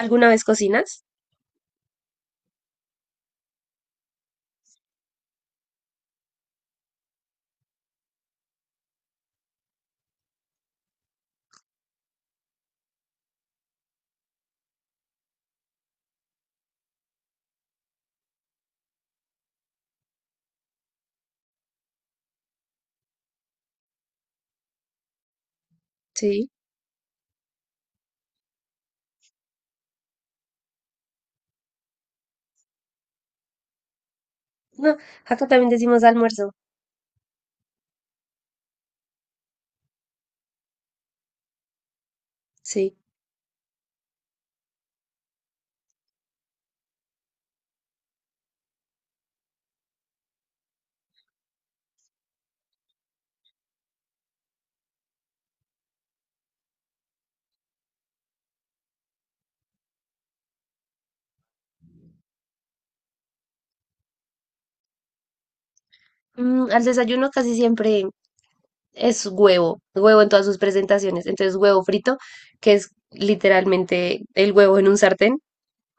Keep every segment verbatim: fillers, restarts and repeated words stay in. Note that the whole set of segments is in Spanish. ¿Alguna vez cocinas? Sí. No, acá también decimos almuerzo. Sí. Mm, al desayuno casi siempre es huevo, huevo en todas sus presentaciones. Entonces, huevo frito, que es literalmente el huevo en un sartén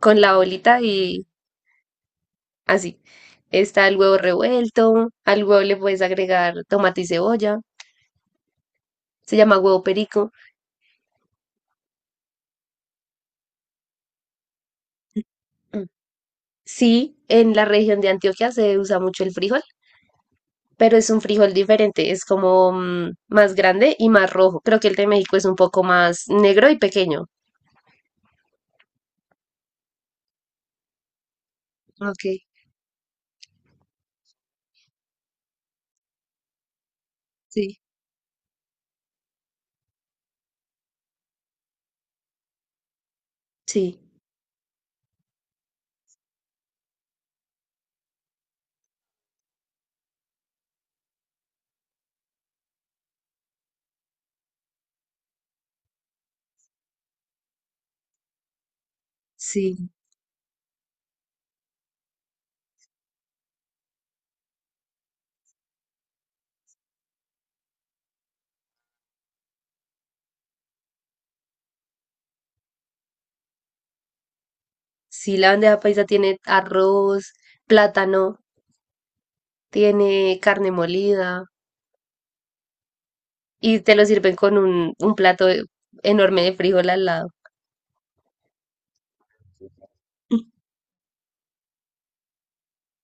con la bolita y así. Está el huevo revuelto, al huevo le puedes agregar tomate y cebolla, se llama huevo perico. Mm. Sí, en la región de Antioquia se usa mucho el frijol, pero es un frijol diferente, es como mm, más grande y más rojo. Creo que el de México es un poco más negro y pequeño. Ok, sí, sí, sí, sí, la bandeja paisa tiene arroz, plátano, tiene carne molida y te lo sirven con un, un plato e- enorme de frijol al lado.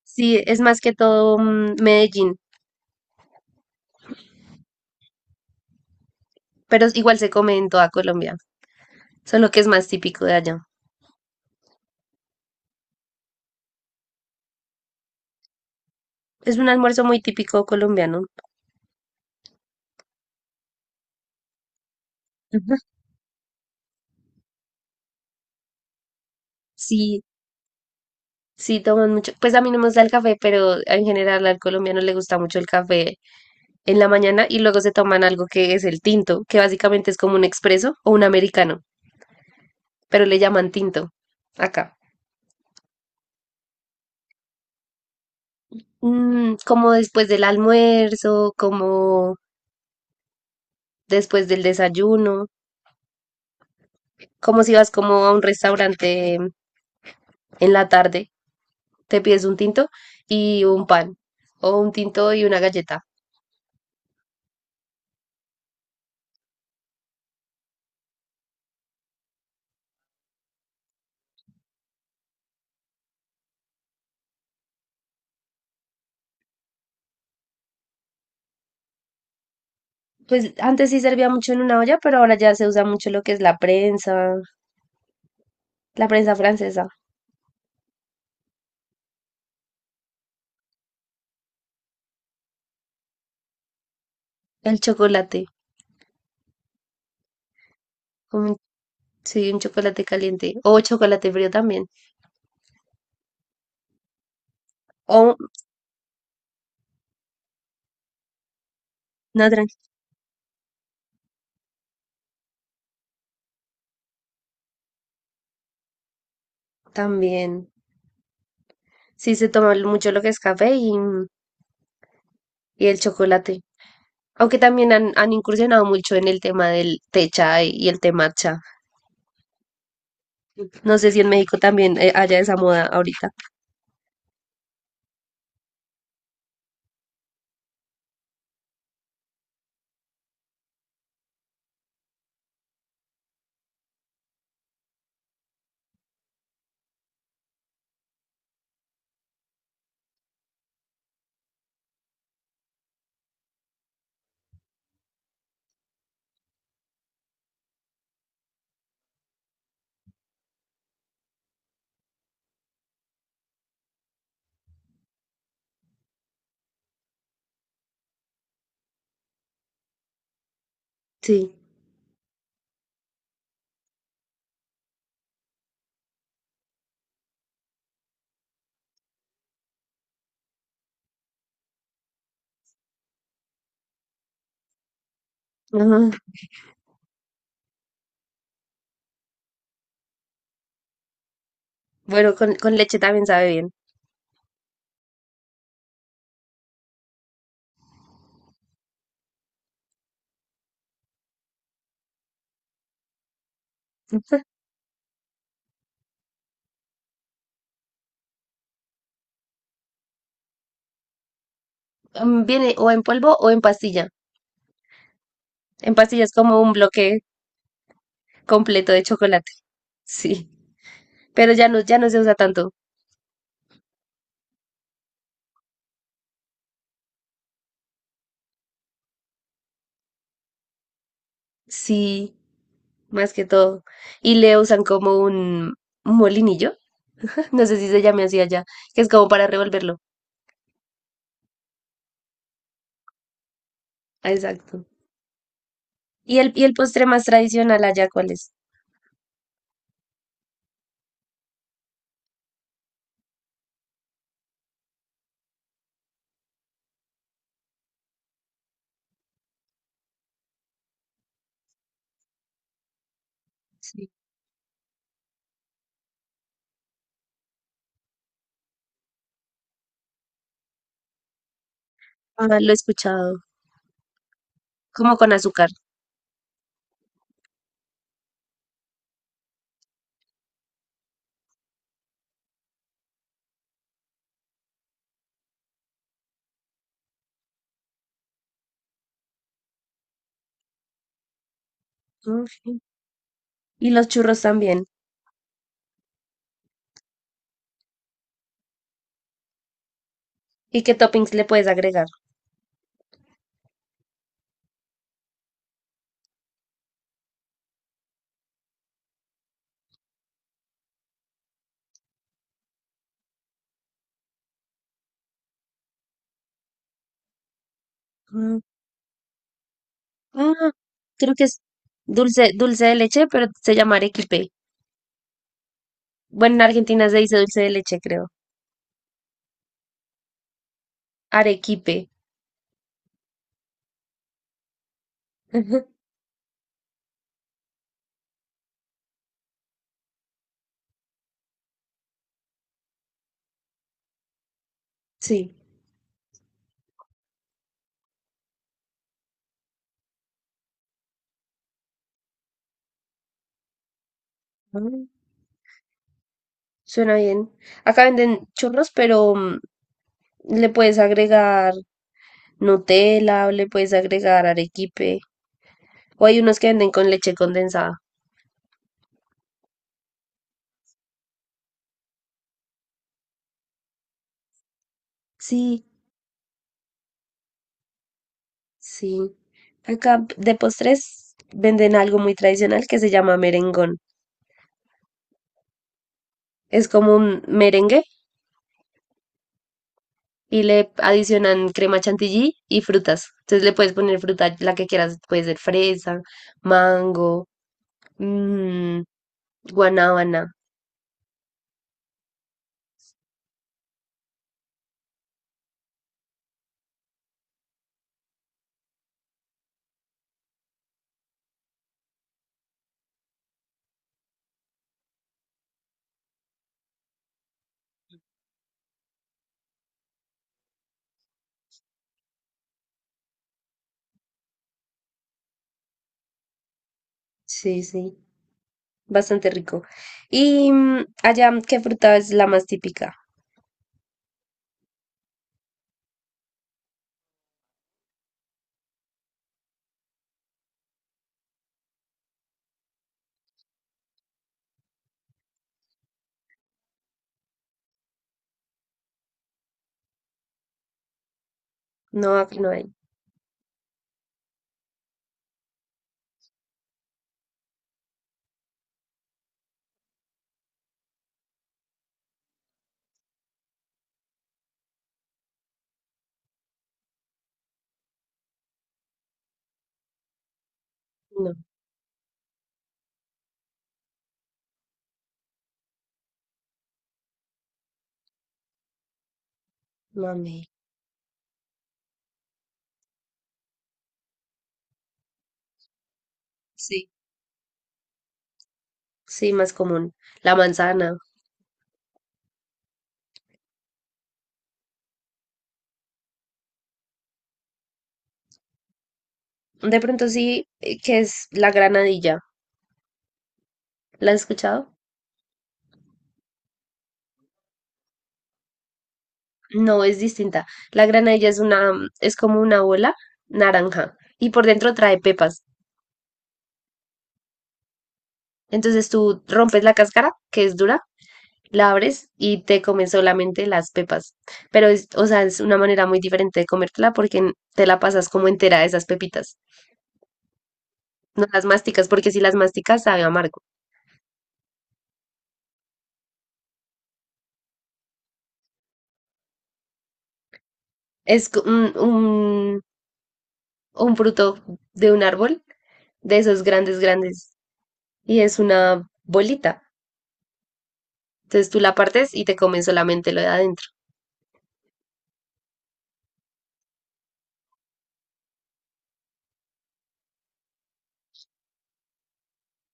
Sí, es más que todo mm, Medellín, pero igual se come en toda Colombia, solo que es más típico de allá. Es un almuerzo muy típico colombiano. Ujú. Sí, sí, toman mucho. Pues a mí no me gusta el café, pero en general al colombiano le gusta mucho el café en la mañana y luego se toman algo que es el tinto, que básicamente es como un expreso o un americano, pero le llaman tinto acá. Mm, como después del almuerzo, como después del desayuno, como si vas como a un restaurante en la tarde, te pides un tinto y un pan o un tinto y una galleta. Pues antes sí servía mucho en una olla, pero ahora ya se usa mucho lo que es la prensa La prensa francesa, el chocolate, como un- sí, un chocolate caliente o chocolate frío también, o una tran- también. Sí, se toma lo- mucho lo que es café y, y el chocolate. Aunque también han, han incursionado mucho en el tema del té chai y el té matcha. No sé si en México también eh, haya esa moda ahorita. Sí. Ajá. Bueno, con, con leche también sabe bien. Mm, viene o en polvo o en pastilla. En pastilla es como un bloque completo de chocolate. Sí. Pero ya no, ya no se usa tanto. Sí, más que todo. Y le usan como un un molinillo, no sé si se llame así allá, que es como para revolverlo. Ah, exacto. ¿Y el, y el postre más tradicional allá cuál es? Sí. Ah, lo he escuchado. Como con azúcar. Ok. Y los churros también. ¿Y qué toppings le puedes agregar? Ah, creo que es dulce, dulce de leche, pero se llama arequipe. Bueno, en Argentina se dice dulce de leche, creo. Arequipe. Ujú, sí. Mm, suena bien. Acá venden churros, pero mm, le puedes agregar Nutella o le puedes agregar arequipe. O hay unos que venden con leche condensada. Sí, sí. Acá de postres venden algo muy tradicional que se llama merengón. Es como un merengue y le adicionan crema chantilly y frutas. Entonces le puedes poner fruta, la que quieras, puede ser fresa, mango, mm, guanábana. Sí, sí, bastante rico. Y mm, allá, ¿qué fruta es la más típica? No, aquí no hay. No, mami. Sí, sí, más común. La manzana. De pronto sí, eh, que es la granadilla. ¿La has escuchado? No, es distinta. La granadilla es una, es como una bola naranja y por dentro trae pepas. Entonces tú rompes la cáscara, que es dura, la abres y te comes solamente las pepas. Pero es, o sea, es una manera muy diferente de comértela porque n- te la pasas como entera de esas pepitas. No las masticas, porque si las masticas sabe amargo. Es co- un, un, un fruto de un árbol, de esos grandes, grandes, y es una bolita. Entonces tú la partes y te comes solamente lo de adentro.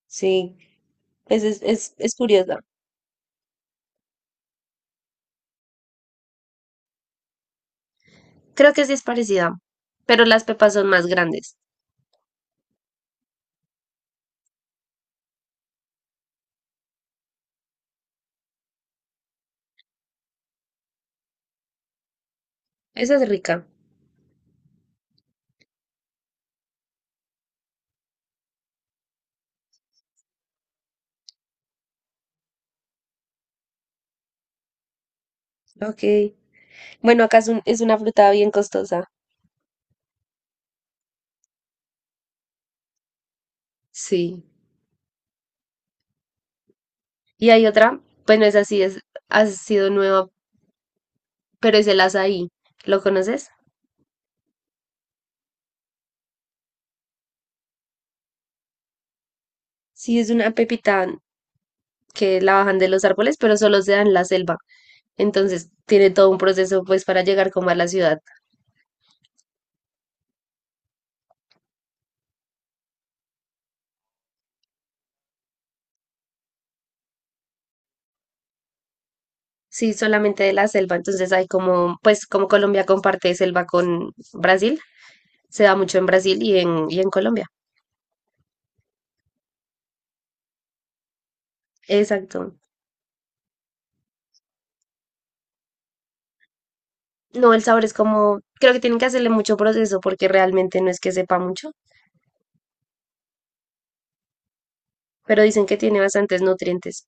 Sí, Es, es, es, es curiosa. Creo que sí es parecida, pero las pepas son más grandes. Esa es rica. Ok. Bueno, acá es, un- es una fruta bien costosa. Sí. Y hay otra, bueno, es así, es, ha sido nueva, pero es el azaí. ¿Lo conoces? Sí, es una pepita que la bajan de los árboles, pero solo se da en la selva. Entonces tiene todo un proceso pues para llegar como a la ciudad. Sí, solamente de la selva. Entonces hay como, pues como Colombia comparte selva con Brasil, se da mucho en Brasil y en, y en Colombia. Exacto. No, el sabor es como, creo que tienen que hacerle mucho proceso porque realmente no es que sepa mucho, pero dicen que tiene bastantes nutrientes.